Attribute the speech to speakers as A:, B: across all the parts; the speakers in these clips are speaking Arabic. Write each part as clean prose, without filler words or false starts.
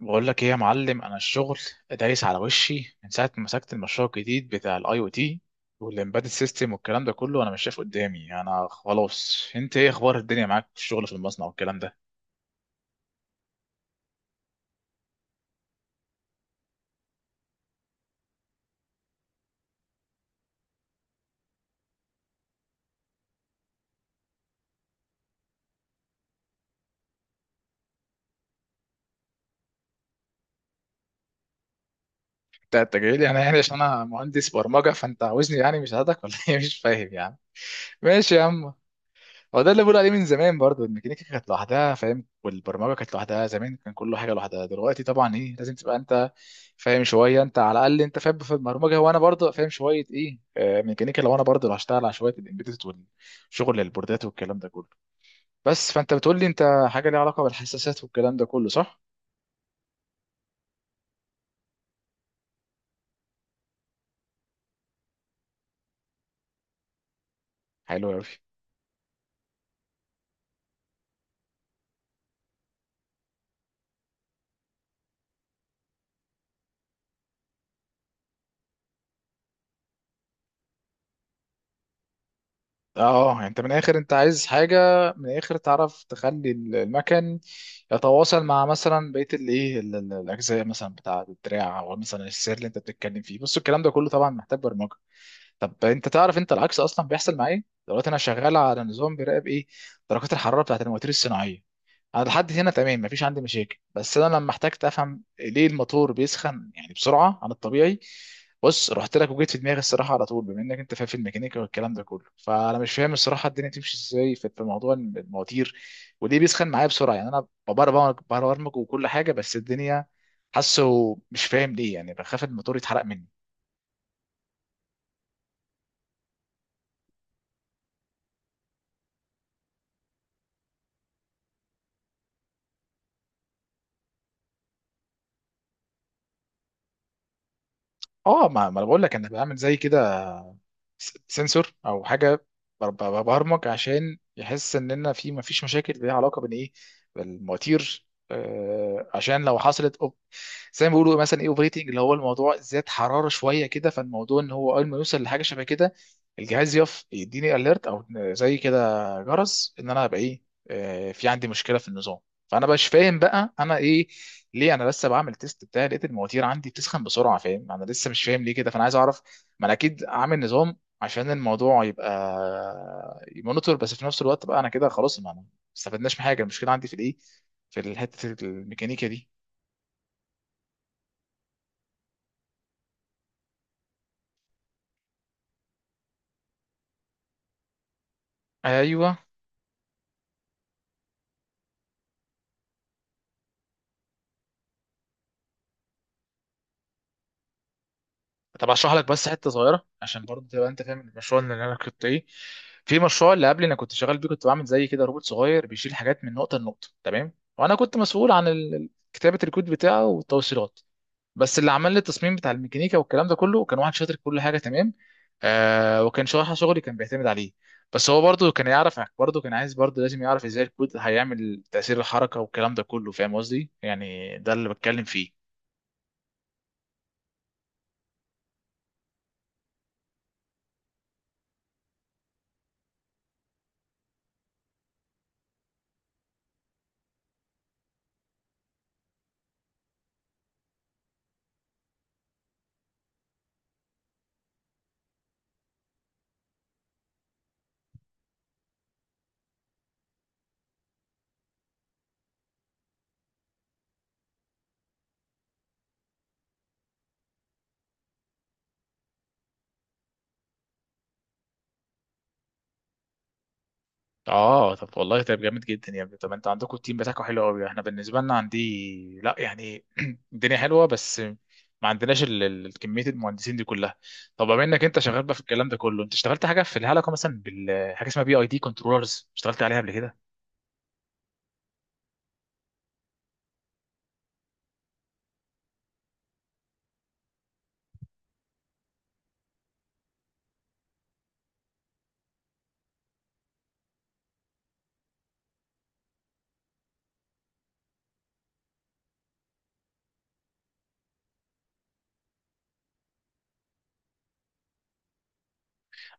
A: بقول لك ايه يا معلم، انا الشغل دايس على وشي من ساعه ما مسكت المشروع الجديد بتاع الاي او تي والامبيدد سيستم والكلام ده كله. انا مش شايف قدامي. انا خلاص، انت ايه اخبار الدنيا معاك في الشغل في المصنع والكلام ده؟ انت جاي لي انا عشان انا مهندس برمجه، فانت عاوزني مش هادك ولا ايه؟ مش فاهم يعني. ماشي يا عم. هو ده اللي بقول عليه من زمان برضو، الميكانيكا كانت لوحدها فاهم، والبرمجه كانت لوحدها، زمان كان كل حاجه لوحدها، دلوقتي طبعا ايه لازم تبقى انت فاهم شويه، انت على الاقل انت فاهم في البرمجه، وانا برضو فاهم شويه ايه ميكانيكا، لو انا برضو لو هشتغل على شويه الامبيدد والشغل البوردات والكلام ده كله. بس فانت بتقول لي انت حاجه ليها علاقه بالحساسات والكلام ده كله، صح؟ حلو قوي. اه يعني انت من الاخر انت عايز حاجه، من الاخر تعرف تخلي المكن يتواصل مع مثلا بقيه الايه الاجزاء مثلا بتاع الدراع او مثلا السير اللي انت بتتكلم فيه. بص الكلام ده كله طبعا محتاج برمجه. طب انت تعرف انت العكس اصلا بيحصل معايا، دلوقتي انا شغال على نظام بيراقب ايه، درجات الحراره بتاعت المواتير الصناعيه. انا لحد هنا تمام، مفيش عندي مشاكل، بس انا لما احتجت افهم ليه الموتور بيسخن يعني بسرعه عن الطبيعي، بص رحت لك وجيت في دماغي الصراحه على طول، بما انك انت فاهم في الميكانيكا والكلام ده كله، فانا مش فاهم الصراحه الدنيا تمشي ازاي في موضوع المواتير، وليه بيسخن معايا بسرعه. يعني انا ببرمج ببرمج وكل حاجه، بس الدنيا حاسه مش فاهم ليه، يعني بخاف الموتور يتحرق مني. اه ما انا بقول لك انا بعمل زي كده سنسور او حاجه، ببرمج عشان يحس اننا في ما فيش مشاكل ليها علاقه بين ايه، بالمواتير عشان لو حصلت زي ما بيقولوا مثلا ايه اوبريتنج، اللي هو الموضوع زاد حراره شويه كده، فالموضوع ان هو اول ما يوصل لحاجه شبه كده الجهاز يقف يديني اليرت او زي كده جرس، ان انا هبقى ايه، في عندي مشكله في النظام. فانا مش فاهم بقى انا ايه، ليه انا لسه بعمل تيست بتاعي لقيت المواتير عندي بتسخن بسرعه، فاهم؟ انا لسه مش فاهم ليه كده، فانا عايز اعرف. ما انا اكيد عامل نظام عشان الموضوع يبقى يمونيتور، بس في نفس الوقت بقى انا كده خلاص ما استفدناش من حاجه، المشكله عندي في الايه، في حته الميكانيكا دي. ايوه. طب اشرح لك بس حته صغيره عشان برضه تبقى انت فاهم المشروع اللي انا كنت ايه، في مشروع اللي قبل انا كنت شغال بيه، كنت بعمل زي كده روبوت صغير بيشيل حاجات من نقطه لنقطه، تمام؟ وانا كنت مسؤول عن كتابه الكود بتاعه والتوصيلات، بس اللي عمل لي التصميم بتاع الميكانيكا والكلام ده كله كان واحد شاطر في كل حاجه، تمام؟ آه، وكان شرح شغلي كان بيعتمد عليه، بس هو برضه كان يعرف، برضه كان عايز، برضه لازم يعرف ازاي الكود هيعمل تأثير الحركه والكلام ده كله، فاهم قصدي يعني، ده اللي بتكلم فيه. اه طب والله طب جامد جدا يا ابني. طب انت عندكم التيم بتاعكم حلو قوي، احنا بالنسبه لنا عندي لا يعني الدنيا حلوه بس ما عندناش كميه المهندسين دي كلها. طب بما انك انت شغال بقى في الكلام ده كله، انت اشتغلت حاجه في الهلكه مثلا بالحاجه اسمها بي اي دي كنترولرز؟ اشتغلت عليها قبل كده؟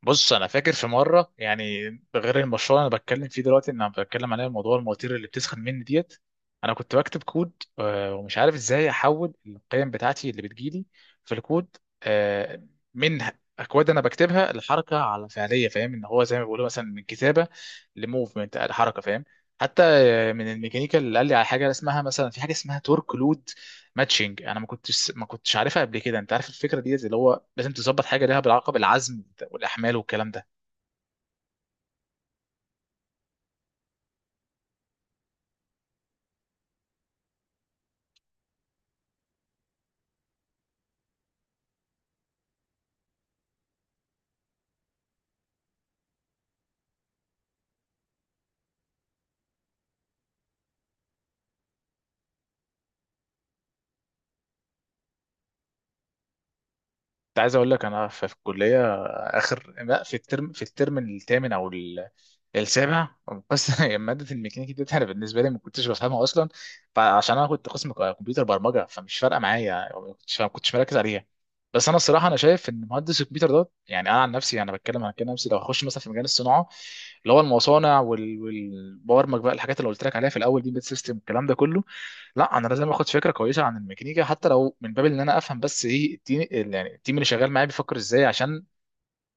A: بص انا فاكر في مره يعني، غير المشروع اللي انا بتكلم فيه دلوقتي ان انا بتكلم عليه موضوع المواتير اللي بتسخن مني ديت، انا كنت بكتب كود ومش عارف ازاي احول القيم بتاعتي اللي بتجيلي في الكود آه، من اكواد انا بكتبها لحركه على فعليه، فاهم؟ ان هو زي ما بيقولوا مثلا من كتابه لموفمنت لحركه، فاهم؟ حتى من الميكانيكا اللي قال لي على حاجه اسمها مثلا، في حاجه اسمها تورك لود ماتشنج، انا ما كنتش عارفها قبل كده. انت عارف الفكره دي زي اللي هو لازم تظبط حاجه ليها بالعلاقه بالعزم والاحمال والكلام ده. انت عايز اقول لك انا في الكليه اخر، لا في الترم، في الترم الثامن او السابع بس، هي ماده الميكانيكا دي انا بالنسبه لي ما كنتش بفهمها اصلا، فعشان انا كنت قسم كمبيوتر برمجه، فمش فارقه معايا، ما كنتش مركز عليها. بس انا الصراحه انا شايف ان مهندس الكمبيوتر ده، يعني انا عن نفسي انا بتكلم، عن كده نفسي لو هخش مثلا في مجال الصناعه، اللي هو المصانع والبرمج بقى الحاجات اللي قلت لك عليها في الاول دي، بيت سيستم الكلام ده كله، لا انا لازم اخد فكره كويسه عن الميكانيكا، حتى لو من باب ان انا افهم بس ايه التيم يعني، التيم اللي شغال معايا بيفكر ازاي، عشان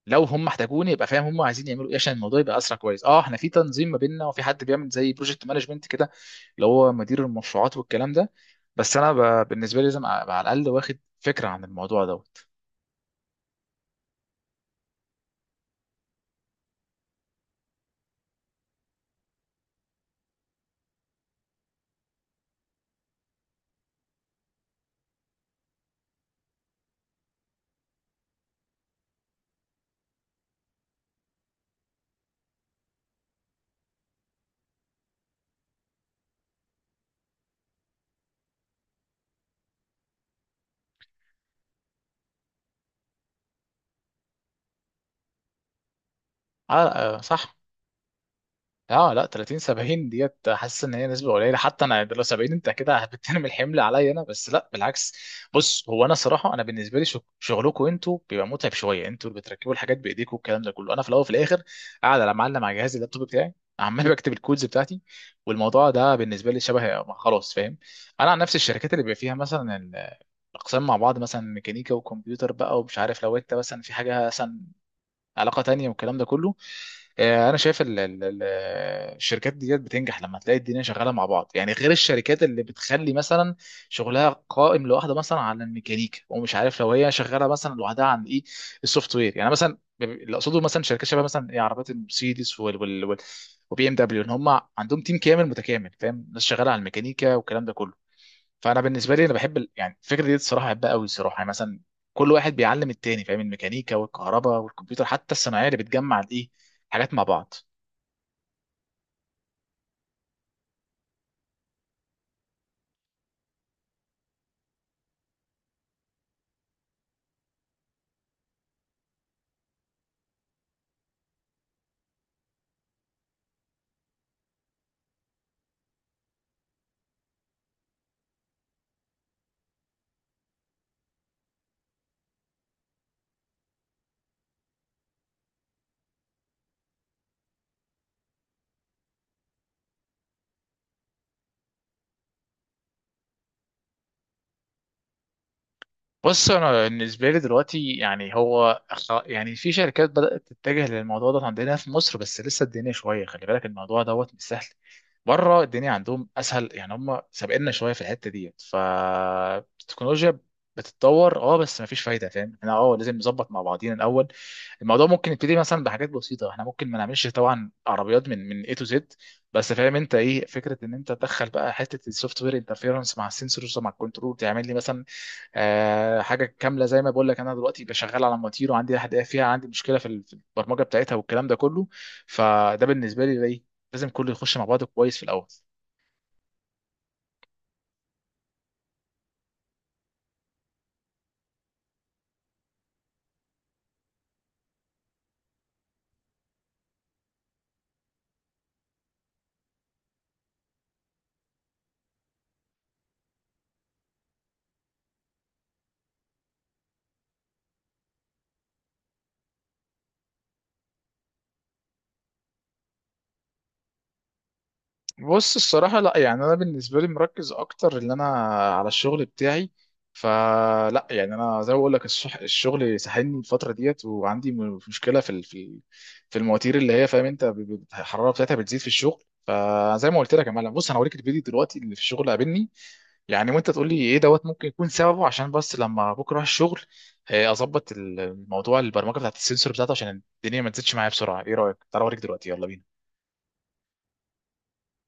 A: لو هم احتاجوني يبقى فاهم هم عايزين يعملوا ايه، عشان الموضوع يبقى اسرع كويس. اه احنا في تنظيم ما بيننا، وفي حد بيعمل زي بروجكت مانجمنت كده، اللي هو مدير المشروعات والكلام ده، بس انا بالنسبه لي لازم ابقى على الاقل واخد فكره عن الموضوع دوت. آه آه، صح. اه لا 30 70 ديت، حاسس ان هي نسبه قليله، حتى انا لو 70 انت كده بترمي الحمل عليا انا، بس لا بالعكس. بص هو انا صراحه انا بالنسبه لي شغلكم انتوا بيبقى متعب شويه، انتوا اللي بتركبوا الحاجات بايديكم والكلام ده كله، انا في الاول وفي الاخر قاعد على معلم على جهاز اللابتوب بتاعي، عمال بكتب الكودز بتاعتي، والموضوع ده بالنسبه لي شبه ما خلاص، فاهم؟ انا عن نفس الشركات اللي بيبقى فيها مثلا الاقسام مع بعض، مثلا ميكانيكا وكمبيوتر بقى، ومش عارف لو انت مثلا في حاجه مثلا علاقه تانية والكلام ده كله، انا شايف الشركات ديت بتنجح لما تلاقي الدنيا شغاله مع بعض، يعني غير الشركات اللي بتخلي مثلا شغلها قائم لوحده مثلا على الميكانيكا، ومش عارف لو هي شغاله مثلا لوحدها عن ايه، السوفت وير، يعني مثلا اللي اقصده مثلا شركات شبه مثلا ايه عربيات المرسيدس وال وال وبي ام دبليو، ان هم عندهم تيم كامل متكامل فاهم، ناس شغاله على الميكانيكا والكلام ده كله، فانا بالنسبه لي انا بحب يعني الفكره دي الصراحه بحبها قوي الصراحه، يعني مثلا كل واحد بيعلم التاني فاهم، الميكانيكا والكهرباء والكمبيوتر حتى الصناعيه اللي بتجمع الايه، حاجات مع بعض. بص انا بالنسبه لي دلوقتي يعني هو يعني في شركات بدات تتجه للموضوع ده عندنا في مصر، بس لسه الدنيا شويه، خلي بالك الموضوع دوت مش سهل. بره الدنيا عندهم اسهل، يعني هم سابقنا شويه في الحته ديت، فالتكنولوجيا بتتطور اه، بس مفيش فايده فاهم، احنا اه لازم نظبط مع بعضينا الاول. الموضوع ممكن يبتدي مثلا بحاجات بسيطه، احنا ممكن ما نعملش طبعا عربيات من اي تو زد، بس فاهم انت ايه فكره ان انت تدخل بقى حته السوفت وير انترفيرنس مع السنسورز ومع الكنترول، تعمل لي مثلا حاجه كامله زي ما بقول لك. انا دلوقتي بشغال على مواتير وعندي حد فيها، عندي مشكله في في البرمجه بتاعتها والكلام ده كله، فده بالنسبه لي ايه، لازم كله يخش مع بعضه كويس في الاول. بص الصراحه لا، يعني انا بالنسبه لي مركز اكتر ان انا على الشغل بتاعي، فلا يعني انا زي ما بقول لك، الشغل ساحلني الفتره ديت، وعندي مشكله في في المواتير اللي هي فاهم انت الحراره بتاعتها بتزيد في الشغل، فزي ما قلت لك يا معلم، بص انا هوريك الفيديو دلوقتي اللي في الشغل قابلني يعني، وانت تقول لي ايه دوت ممكن يكون سببه، عشان بس لما بكره اروح الشغل اظبط الموضوع البرمجه بتاعت السنسور بتاعته عشان الدنيا ما تزيدش معايا بسرعه. ايه رايك؟ تعال اوريك دلوقتي، يلا بينا.